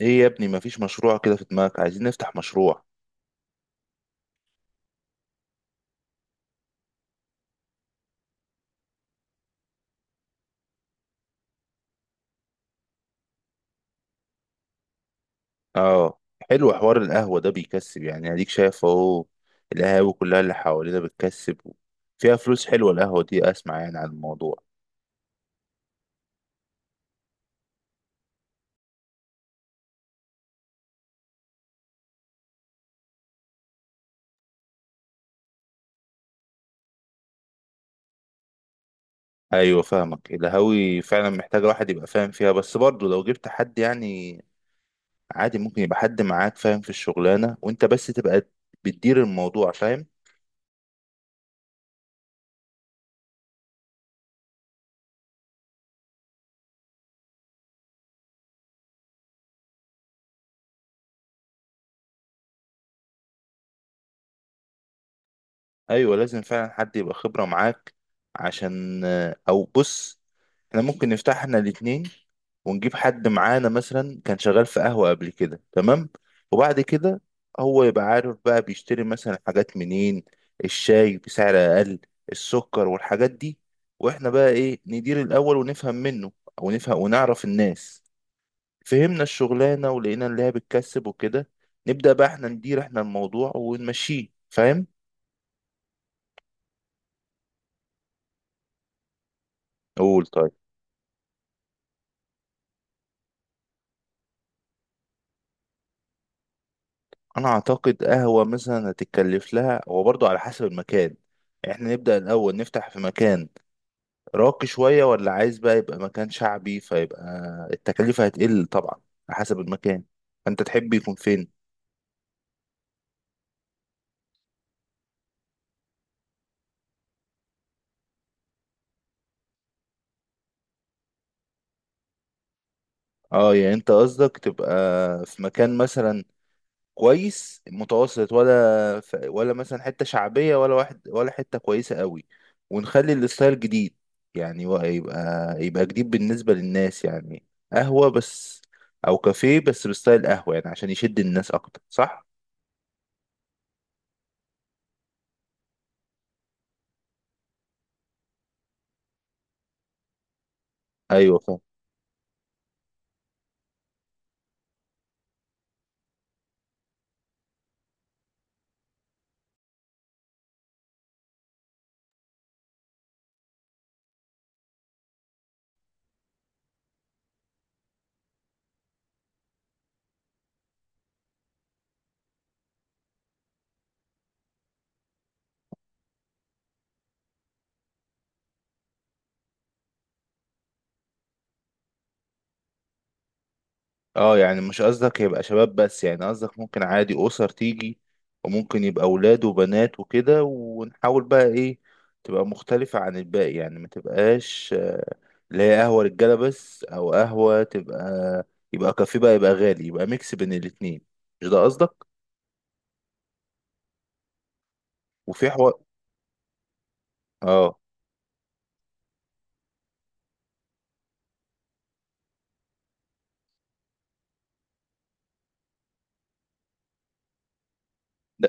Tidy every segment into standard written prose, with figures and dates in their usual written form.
ايه يا ابني؟ مفيش مشروع كده في دماغك؟ عايزين نفتح مشروع. اه، حلو. حوار القهوة ده بيكسب، يعني اديك شايف اهو. القهاوي كلها اللي حوالينا بتكسب، فيها فلوس حلوة القهوة دي. اسمع يعني عن الموضوع. ايوه فاهمك. القهاوي فعلا محتاجة واحد يبقى فاهم فيها، بس برضه لو جبت حد يعني عادي ممكن يبقى حد معاك فاهم في الشغلانة وانت بس تبقى بتدير الموضوع، فاهم. ايوه لازم فعلا حد يبقى خبرة معاك عشان، او بص، احنا ممكن نفتح احنا الاتنين ونجيب حد معانا مثلا كان شغال في قهوة قبل كده، تمام. وبعد كده هو يبقى عارف بقى بيشتري مثلا حاجات منين، الشاي بسعر اقل، السكر والحاجات دي. واحنا بقى ايه، ندير الاول ونفهم منه، او نفهم ونعرف الناس، فهمنا الشغلانة ولقينا اللي هي بتكسب وكده، نبدأ بقى احنا ندير احنا الموضوع ونمشيه، فاهم. قول طيب. انا اعتقد قهوة مثلا هتتكلف لها هو برضو على حسب المكان. احنا نبدأ الاول نفتح في مكان راقي شوية ولا عايز بقى يبقى مكان شعبي، فيبقى التكلفة هتقل طبعا على حسب المكان. انت تحب يكون فين؟ اه، يعني انت قصدك تبقى في مكان مثلا كويس متوسط، ولا ولا مثلا حتة شعبية، ولا واحد، ولا حتة كويسة قوي، ونخلي الستايل جديد يعني يبقى جديد بالنسبة للناس يعني. قهوة بس أو كافيه بس بستايل قهوة، يعني عشان يشد الناس أكتر، صح؟ أيوه. اه يعني مش قصدك يبقى شباب بس، يعني قصدك ممكن عادي أسر تيجي وممكن يبقى أولاد وبنات وكده، ونحاول بقى إيه تبقى مختلفة عن الباقي يعني، ما تبقاش اللي هي قهوة رجالة بس، أو قهوة تبقى، يبقى كافيه بقى يبقى غالي، يبقى ميكس بين الاتنين. مش ده قصدك؟ وفي حوار. اه. لا،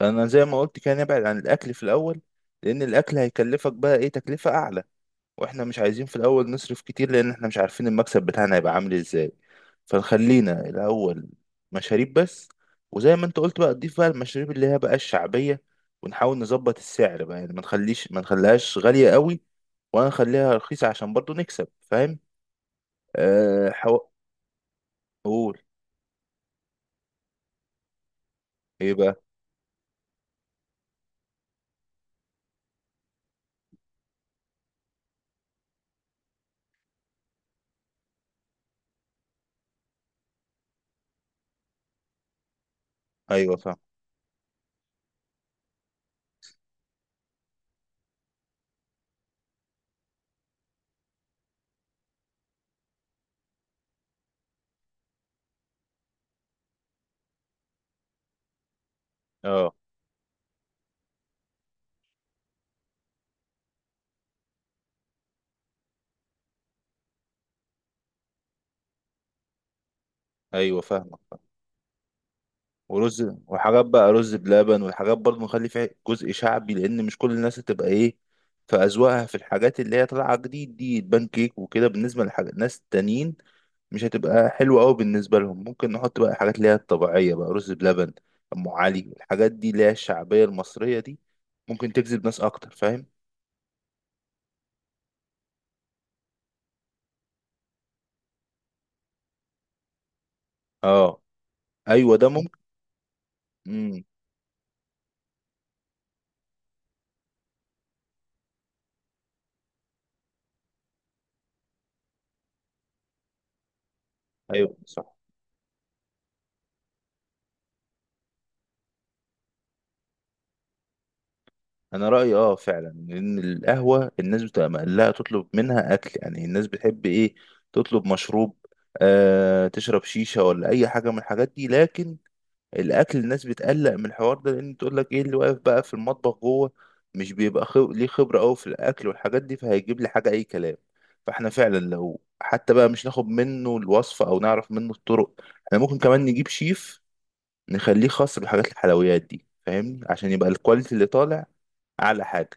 أنا زي ما قلت كده نبعد عن الأكل في الأول، لأن الأكل هيكلفك بقى إيه تكلفة أعلى، واحنا مش عايزين في الاول نصرف كتير، لان احنا مش عارفين المكسب بتاعنا هيبقى عامل ازاي. فنخلينا الاول مشاريب بس، وزي ما انت قلت بقى تضيف بقى المشاريب اللي هي بقى الشعبية، ونحاول نظبط السعر بقى، يعني ما نخليش، ما نخليهاش غالية قوي ولا نخليها رخيصة عشان برضو نكسب، فاهم. أه حو... قول. ايه بقى. ايوه فاهم. اه ايوه فاهم. ورز وحاجات بقى، رز بلبن وحاجات برضه نخلي فيها جزء شعبي، لان مش كل الناس هتبقى ايه في اذواقها في الحاجات اللي هي طالعه جديد دي البان كيك وكده. بالنسبه لحاجات ناس تانيين مش هتبقى حلوه قوي بالنسبه لهم، ممكن نحط بقى حاجات اللي هي الطبيعيه، بقى رز بلبن، ام علي، الحاجات دي اللي هي الشعبيه المصريه دي ممكن تجذب ناس اكتر، فاهم. اه. ايوه ده ممكن. امم ايوه صح. انا رايي اه فعلا ان القهوه الناس بتبقى مقلقه تطلب منها اكل، يعني الناس بتحب ايه تطلب مشروب، آه تشرب شيشه ولا اي حاجه من الحاجات دي، لكن الاكل الناس بتقلق من الحوار ده، لان تقول لك ايه اللي واقف بقى في المطبخ جوه؟ مش بيبقى ليه خبره قوي في الاكل والحاجات دي، فهيجيب لي حاجه اي كلام. فاحنا فعلا لو حتى بقى مش ناخد منه الوصفه او نعرف منه الطرق، احنا ممكن كمان نجيب شيف نخليه خاص بحاجات الحلويات دي فاهمني، عشان يبقى الكواليتي اللي طالع اعلى حاجه.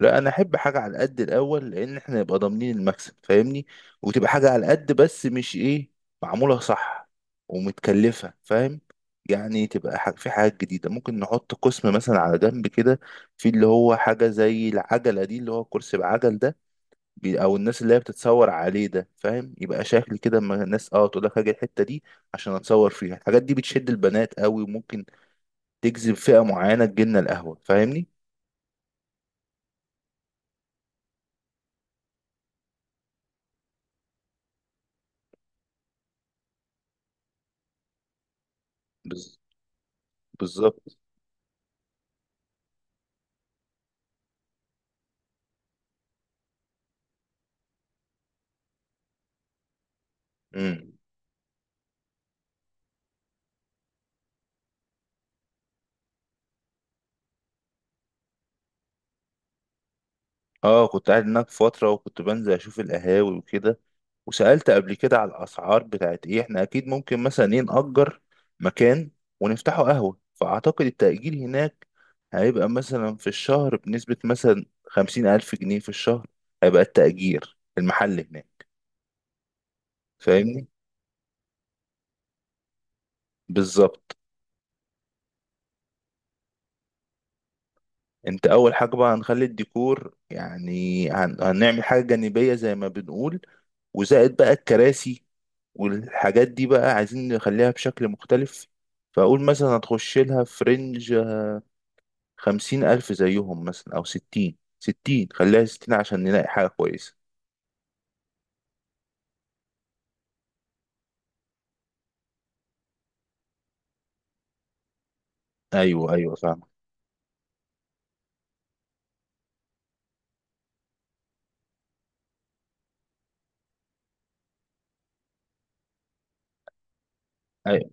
لا، انا احب حاجه على قد الاول، لان احنا نبقى ضامنين المكسب فاهمني، وتبقى حاجه على قد بس مش ايه، معموله صح ومتكلفه، فاهم. يعني تبقى في حاجات جديده، ممكن نحط قسم مثلا على جنب كده، في اللي هو حاجه زي العجله دي، اللي هو الكرسي بعجل ده، او الناس اللي هي بتتصور عليه ده، فاهم، يبقى شكل كده اما الناس اه تقول لك هاجي الحته دي عشان اتصور فيها. الحاجات دي بتشد البنات قوي وممكن تجذب فئه معينه تجيلنا القهوه، فاهمني. بز- بالظبط. مم. اه كنت قاعد هناك فترة وكنت بنزل اشوف القهاوي وكده، وسألت قبل كده على الاسعار بتاعت ايه. احنا اكيد ممكن مثلا ايه نأجر مكان ونفتحه قهوة، فاعتقد التأجير هناك هيبقى مثلا في الشهر بنسبة مثلا 50000 جنيه في الشهر هيبقى التأجير المحل هناك. فاهمني. بالظبط. انت اول حاجة بقى هنخلي الديكور، يعني هنعمل حاجة جانبية زي ما بنقول، وزائد بقى الكراسي والحاجات دي بقى عايزين نخليها بشكل مختلف، فأقول مثلا هتخش لها في رينج 50000 زيهم مثلا، أو 60، 60 خليها 60 عشان نلاقي حاجة كويسة. أيوه أيوه فاهم. أيوه.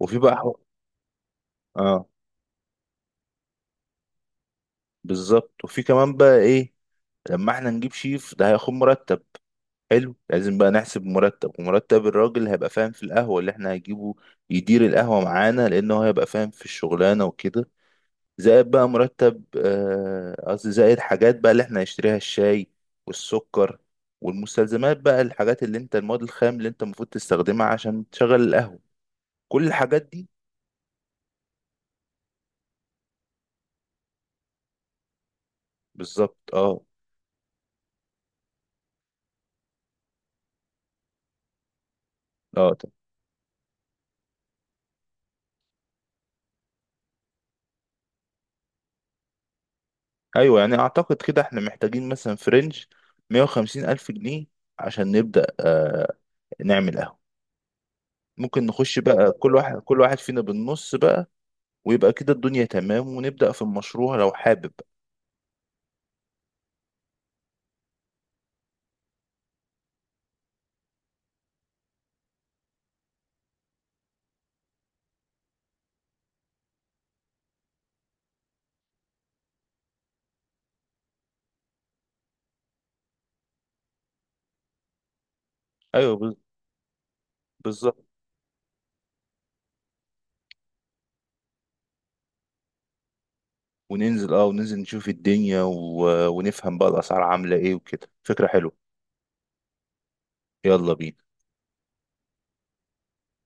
وفي بقى حو... آه بالظبط. وفي كمان بقى إيه، لما إحنا نجيب شيف ده هياخد مرتب، حلو، لازم بقى نحسب مرتب، ومرتب الراجل هيبقى فاهم في القهوة اللي إحنا هنجيبه يدير القهوة معانا، لأنه هيبقى فاهم في الشغلانة وكده. زائد بقى مرتب قصدي زائد حاجات بقى اللي احنا هنشتريها، الشاي والسكر والمستلزمات بقى، الحاجات اللي انت المواد الخام اللي انت المفروض تستخدمها عشان تشغل القهوة، كل الحاجات دي. بالظبط. اه اه طب. ايوه يعني اعتقد كده احنا محتاجين مثلا في رينج 150 الف جنيه عشان نبدأ نعمل قهوة. ممكن نخش بقى كل واحد فينا بالنص بقى، ويبقى كده الدنيا تمام ونبدأ في المشروع لو حابب. ايوه بالظبط. وننزل، اه وننزل نشوف الدنيا ونفهم بقى الأسعار عاملة ايه وكده، فكرة حلوة. يلا بينا.